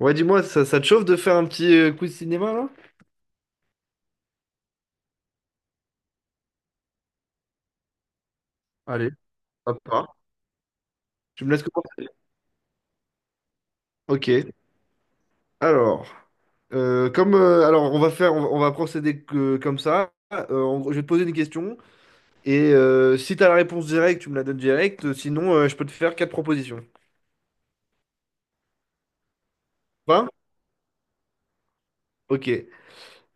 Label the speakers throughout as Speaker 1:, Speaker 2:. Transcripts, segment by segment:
Speaker 1: Ouais, dis-moi, ça te chauffe de faire un petit coup de cinéma là? Allez, hop pas. Tu me laisses commencer? Ok. Alors, comme alors on va faire, on va procéder comme ça. En gros, je vais te poser une question et si t'as la réponse directe, tu me la donnes directe. Sinon, je peux te faire quatre propositions. Enfin, ok.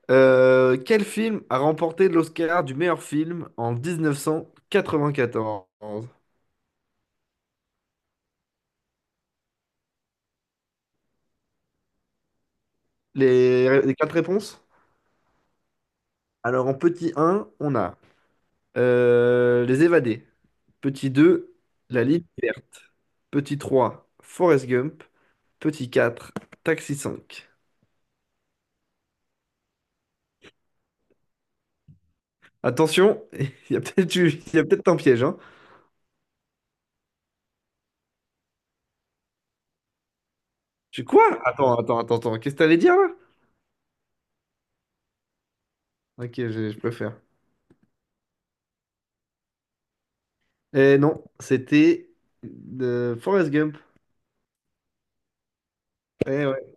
Speaker 1: Quel film a remporté l'Oscar du meilleur film en 1994? Les quatre réponses? Alors en petit un, on a Les Évadés. Petit 2, La Ligne verte. Petit 3, Forrest Gump. Petit 4, Taxi 5. Attention, il y a il y a peut-être un piège, hein. Je quoi? Attends. Qu'est-ce que t'allais dire là? Ok, je préfère. Eh non, c'était de Forrest Gump. Eh ouais.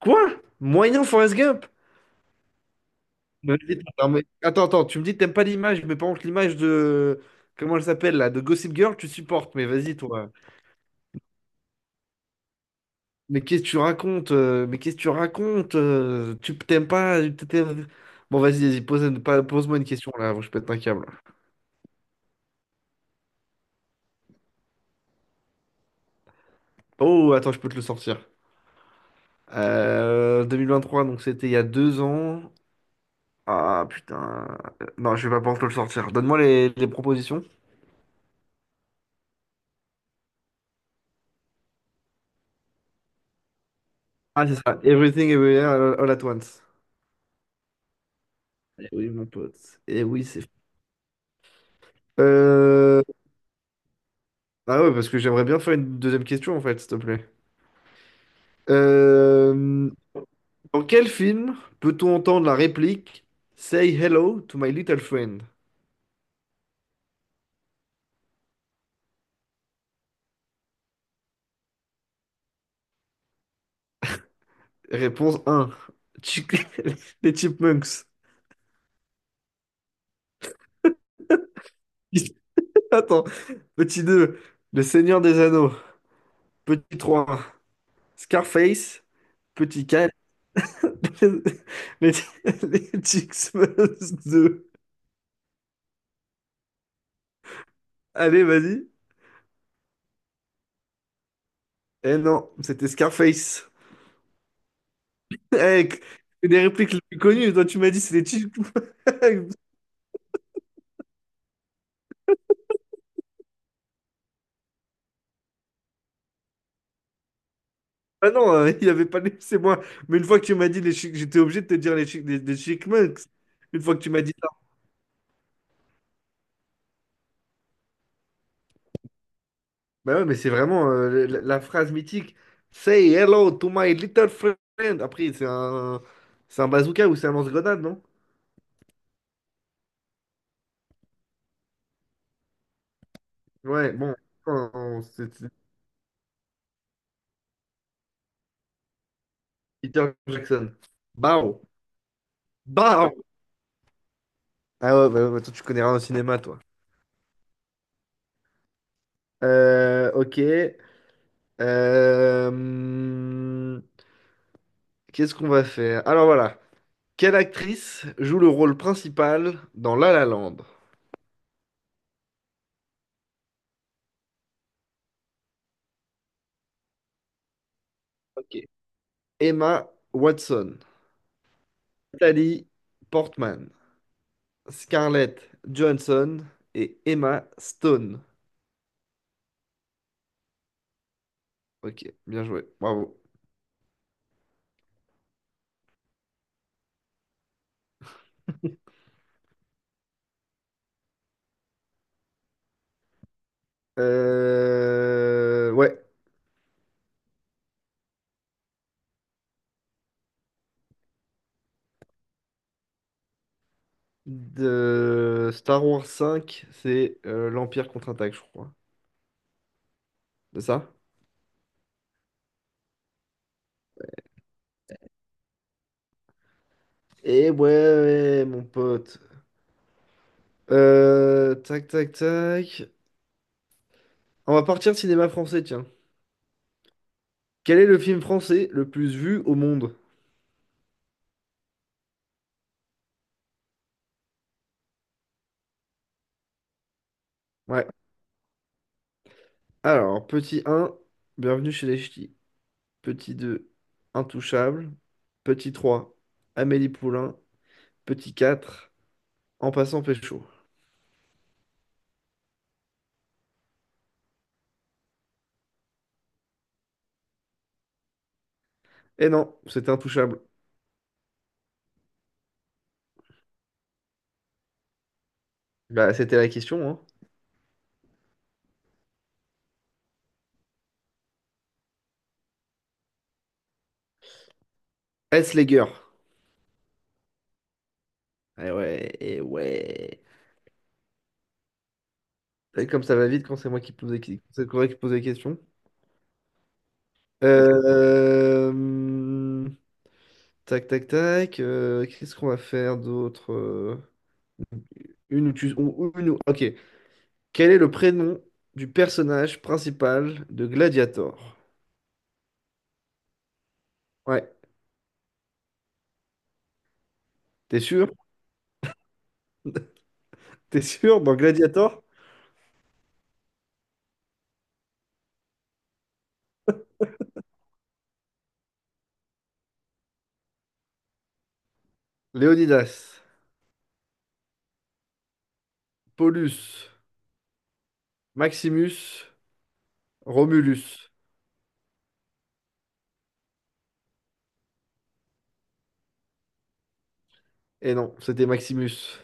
Speaker 1: Quoi? Moyen Forrest Gump? Mais vas-y, attends, attends, tu me dis que t'aimes pas l'image, mais par contre l'image de... Comment elle s'appelle là? De Gossip Girl, tu supportes, mais vas-y toi. Mais qu'est-ce que tu racontes? Mais qu'est-ce que tu racontes? Tu t'aimes pas? Bon, vas-y, pose, pose-moi une question là, avant que je pète un câble. Oh, attends, je peux te le sortir. 2023, donc c'était il y a 2 ans. Ah putain. Non, je vais pas pouvoir te le sortir. Donne-moi les propositions. Ah, c'est ça. Everything Everywhere all at Once. Eh oui, mon pote. Eh oui, c'est. Euh... Ah ouais, parce que j'aimerais bien faire une deuxième question en fait, s'il te plaît. Euh... Dans quel film peut-on entendre la réplique Say hello to my little friend? Réponse un: Chick- Les Chipmunks. Attends. Petit 2: Le Seigneur des Anneaux. Petit 3: Scarface. Petit 4: Les, les Chipmunks 2. Allez, vas-y. Eh non, c'était Scarface. Hey, c'est des répliques les plus connues. Toi, tu m'as dit c'est les Chipmunks. Ah non, il avait pas les... C'est moi. Mais une fois que tu m'as dit les chic, j'étais obligé de te dire les chic, les Chic Monks. Une fois que tu m'as dit ça. Bah ouais, mais c'est vraiment la phrase mythique. Say hello to my little friend. Après, c'est un bazooka ou c'est un lance-grenade, non? Ouais, bon. C'est Peter Jackson. Bow. Bow. Ah ouais, bah toi, tu connais rien au cinéma, toi. Ok. Euh, hmm, Qu'est-ce qu'on va faire? Alors voilà. Quelle actrice joue le rôle principal dans La La Land? Ok. Emma Watson, Natalie Portman, Scarlett Johansson et Emma Stone. Ok, bien joué, bravo. Ouais, de Star Wars 5, c'est l'Empire contre-attaque, je crois. C'est ça? Eh ouais, ouais, mon pote. Tac, tac, tac. On va partir cinéma français, tiens. Quel est le film français le plus vu au monde? Ouais. Alors, petit un, bienvenue chez les ch'tis. Petit 2, intouchable. Petit 3, Amélie Poulain. Petit 4, en passant pécho. Eh non, c'était intouchable. Bah, c'était la question, hein. Est-ce les gueurs? Eh ouais, eh ouais. Et comme ça va vite quand c'est moi qui pose c'est toi qui pose les questions. Euh, hum, Tac, tac, tac. Qu'est-ce qu'on va faire d'autre? Une ou tu... ou Une ou... Ok. Quel est le prénom du personnage principal de Gladiator? Ouais, t'es sûr? T'es sûr? Dans Gladiator? Léonidas, Paulus, Maximus, Romulus. Et non, c'était Maximus.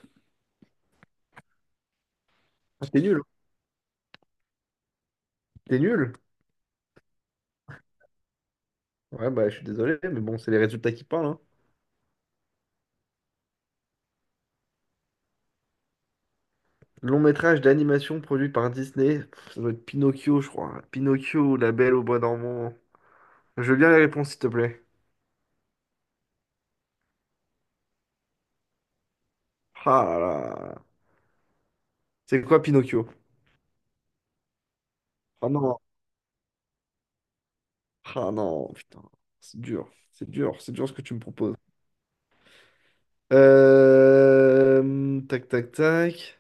Speaker 1: Ah, t'es nul, hein. T'es nul. Ouais, bah je suis désolé, mais bon, c'est les résultats qui parlent, hein. Long métrage d'animation produit par Disney. Pff, ça doit être Pinocchio, je crois. Pinocchio, La Belle au Bois dormant. Je veux bien les réponses, s'il te plaît. Ah là là. C'est quoi Pinocchio? Oh non, ah non, putain, c'est dur, c'est dur ce que tu me proposes. Tac, tac, tac.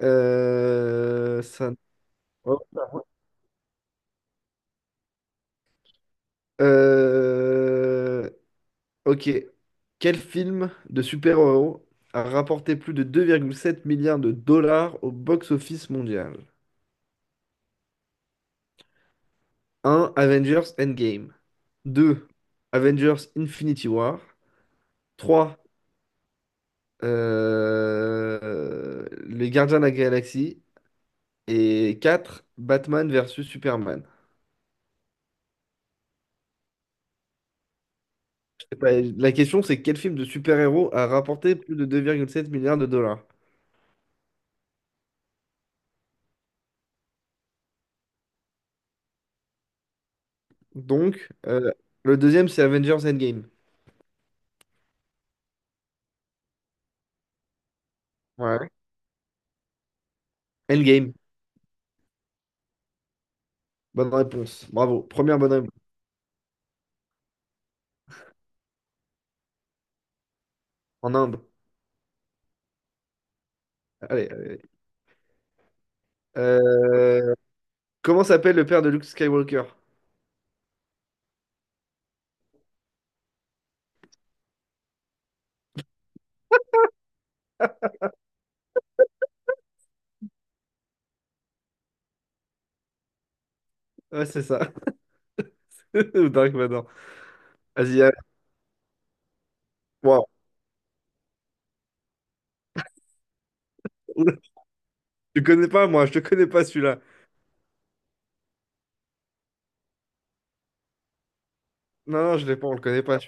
Speaker 1: Euh, ça... oh. Euh, Ok. Quel film de super-héros a rapporté plus de 2,7 milliards de dollars au box-office mondial? Un Avengers Endgame. Deux Avengers Infinity War. Trois Les Gardiens de la Galaxie. Et 4 Batman versus Superman. Et ben, la question, c'est quel film de super-héros a rapporté plus de 2,7 milliards de dollars? Donc, le deuxième, c'est Avengers Endgame. Ouais. Endgame. Bonne réponse. Bravo. Première bonne réponse. En Inde. Allez, allez. Euh, Comment s'appelle le père de Luke Skywalker? Ouais, c'est ça. Ou Dark Vador. Vas-y, allez. Wow. Oula, tu connais pas, moi, je te connais pas celui-là. Non, non, je l'ai pas, on le connaît pas.